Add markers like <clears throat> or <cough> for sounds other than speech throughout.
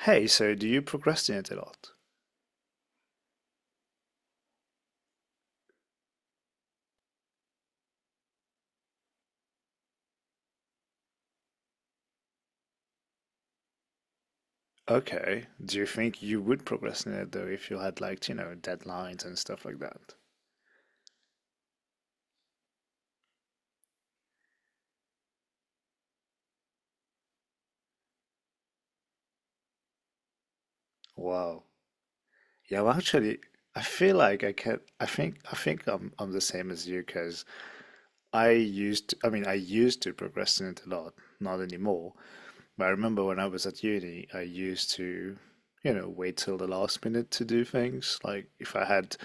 Hey, so do you procrastinate a lot? Okay. Do you think you would procrastinate though if you had like, you know, deadlines and stuff like that? Wow. Yeah, well, actually, I feel like I can I think I'm the same as you because I used to, I mean, I used to procrastinate a lot, not anymore. But I remember when I was at uni, I used to, you know, wait till the last minute to do things. Like if I had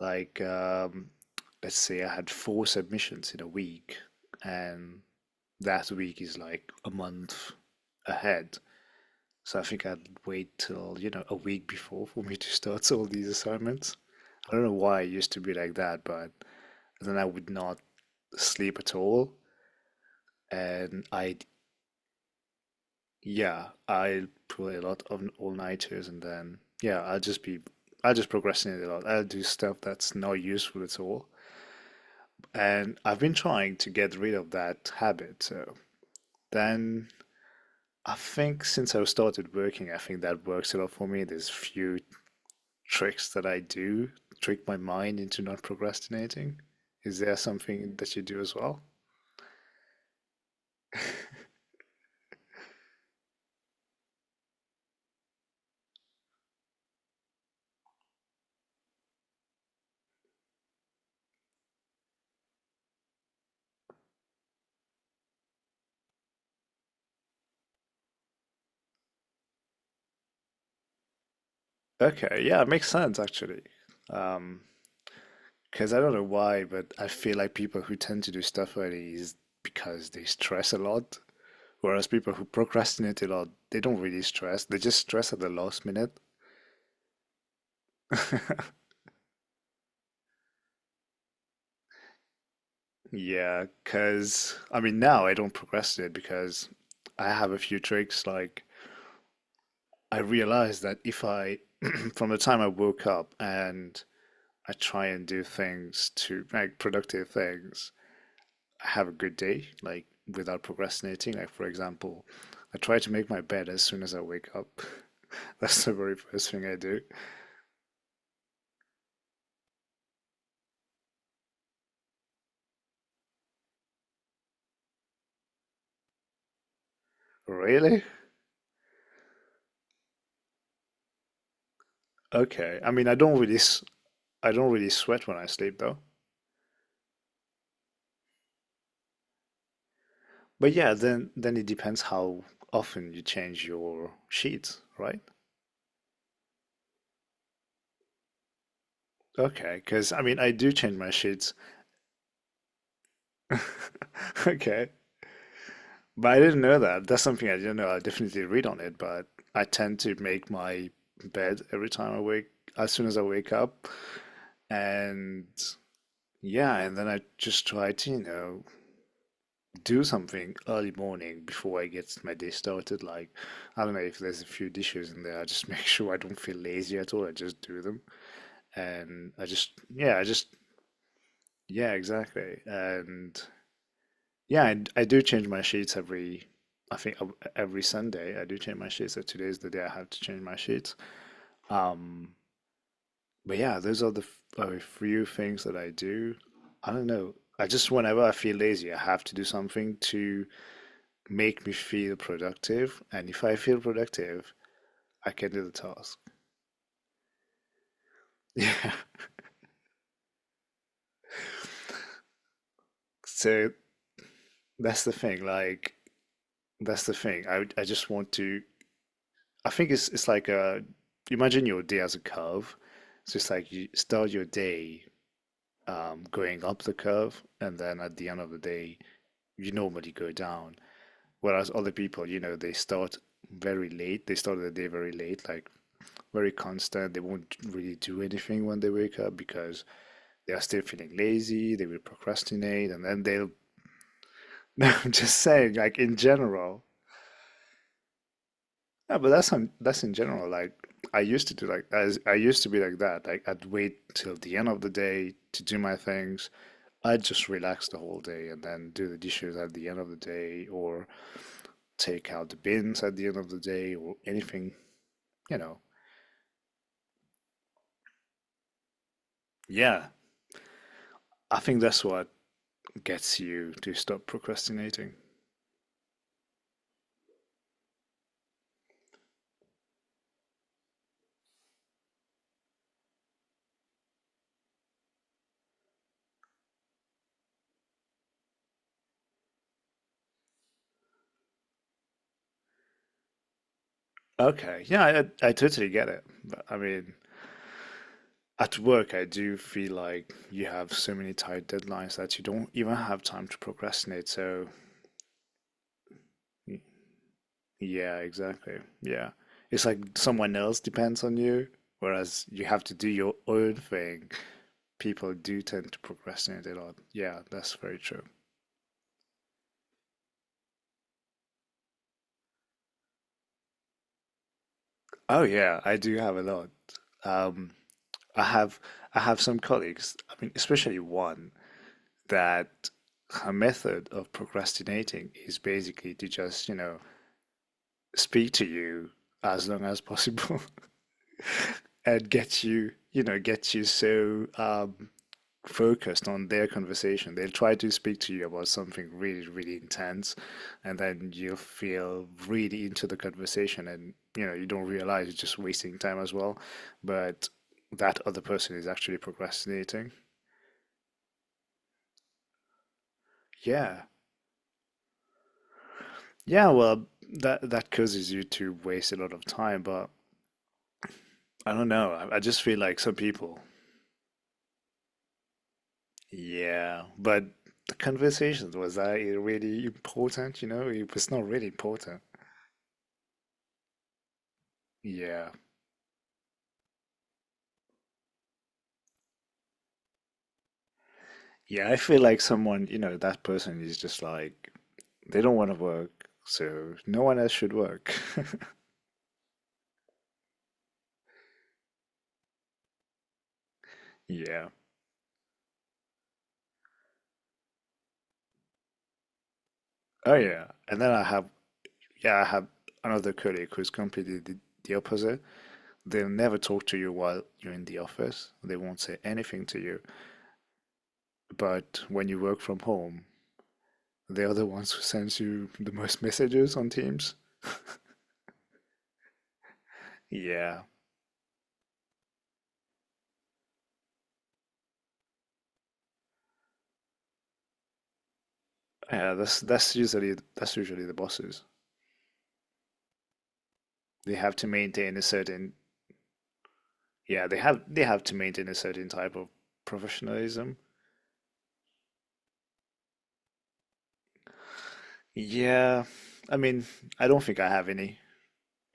like, let's say I had four submissions in a week, and that week is like a month ahead. So I think I'd wait till, you know, a week before for me to start all these assignments. I don't know why it used to be like that, but then I would not sleep at all. And I, yeah, I play a lot of all-nighters and then, yeah, I'll just be, I'll just procrastinate a lot. I'll do stuff that's not useful at all. And I've been trying to get rid of that habit. So then I think since I started working, I think that works a lot for me. There's few tricks that I do, trick my mind into not procrastinating. Is there something that you do as well? Okay, yeah, it makes sense actually. Um, because I don't know why, but I feel like people who tend to do stuff early is because they stress a lot, whereas people who procrastinate a lot, they don't really stress. They just stress at the last minute. Yeah, because I mean, now I don't procrastinate because I have a few tricks. Like, I realized that if I, <clears throat> from the time I woke up and I try and do things to like productive things, I have a good day, like without procrastinating. Like, for example, I try to make my bed as soon as I wake up. <laughs> That's the very first thing I do. Really? Okay. I mean, I don't really, s- I don't really sweat when I sleep though. But yeah, then it depends how often you change your sheets, right? Okay, because I mean, I do change my sheets. <laughs> Okay, but I didn't know that. That's something I didn't know. I definitely read on it, but I tend to make my bed every time I wake, as soon as I wake up, and yeah, and then I just try to, you know, do something early morning before I get my day started. Like, I don't know if there's a few dishes in there. I just <laughs> make sure I don't feel lazy at all. I just do them. And I just yeah, exactly. And yeah, I do change my sheets every I think ev- every Sunday I do change my sheets. So today's the day I have to change my sheets. Um, but yeah, those are the f- a few things that I do. I don't know. I just whenever I feel lazy, I have to do something to make me feel productive. And if I feel productive, I can do the task. <laughs> Yeah. So that's the thing. Like that's the thing. I just want to I think it's like imagine your day as a curve. So it's like you start your day going up the curve and then at the end of the day you normally go down. Whereas other people, you know, they start very late. They start the day very late, like very constant. They won't really do anything when they wake up because they are still feeling lazy, they will procrastinate and then they'll <laughs> no, I'm just saying, like in general. Yeah, but that's in general. Like I used to do like as I used to be like that. Like I'd wait till the end of the day to do my things. I'd just relax the whole day and then do the dishes at the end of the day, or take out the bins at the end of the day, or anything. You know. Yeah, I think that's what gets you to stop procrastinating. Okay, yeah, I totally get it. But I mean, at work, I do feel like you have so many tight deadlines that you don't even have time to procrastinate. So. Y- yeah, exactly. Yeah. It's like someone else depends on you, whereas you have to do your own thing. People do tend to procrastinate a lot. Yeah, that's very true. Oh yeah, I do have a lot. Um, I have I have some colleagues, I mean, especially one that her method of procrastinating is basically to just, you know, speak to you as long as possible <laughs> and get you, you know, get you so focused on their conversation. They'll try to speak to you about something really, really intense, and then you feel really into the conversation, and you know, you don't realize you're just wasting time as well. But that other person is actually procrastinating. Yeah. Yeah, well, that causes you to waste a lot of time, but I don't know. I just feel like some people, yeah, but the conversations was that really important, you know? It was not really important. Yeah. Yeah, I feel like someone, you know, that person is just like, they don't want to work, so no one else should work. <laughs> Yeah. Oh, yeah. And then I have, yeah, I have another colleague who's completely the opposite. They'll never talk to you while you're in the office. They won't say anything to you. But when you work from home, they are the ones who sends you the most messages on Teams. Yeah. Yeah, that's usually the bosses. They have to maintain a certain yeah, they have to maintain a certain type of professionalism. Yeah, I mean, I don't think I have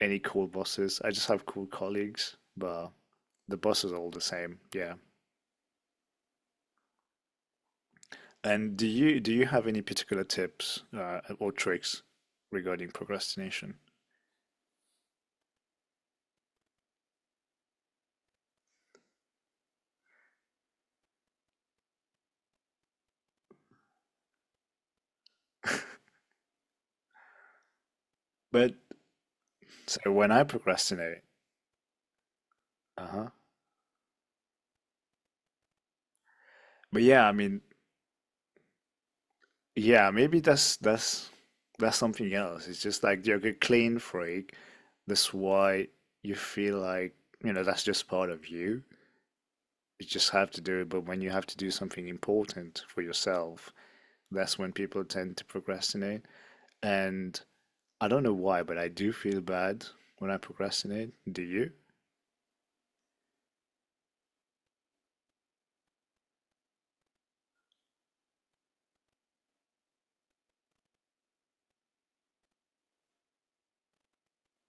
any cool bosses. I just have cool colleagues, but the bosses are all the same. Yeah. And do you have any particular tips or tricks regarding procrastination? But so when I procrastinate, uh-huh. But yeah, I mean, yeah, maybe that's something else. It's just like you're a clean freak. That's why you feel like, you know, that's just part of you. You just have to do it. But when you have to do something important for yourself, that's when people tend to procrastinate. And I don't know why, but I do feel bad when I procrastinate. Do you?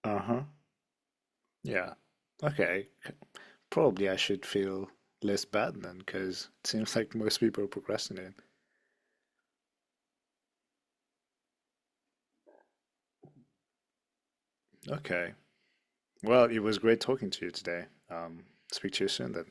Uh-huh. Yeah. Okay. C- probably I should feel less bad then, because it seems like most people procrastinate. Okay. Well, it was great talking to you today. Um, Speak to you soon then.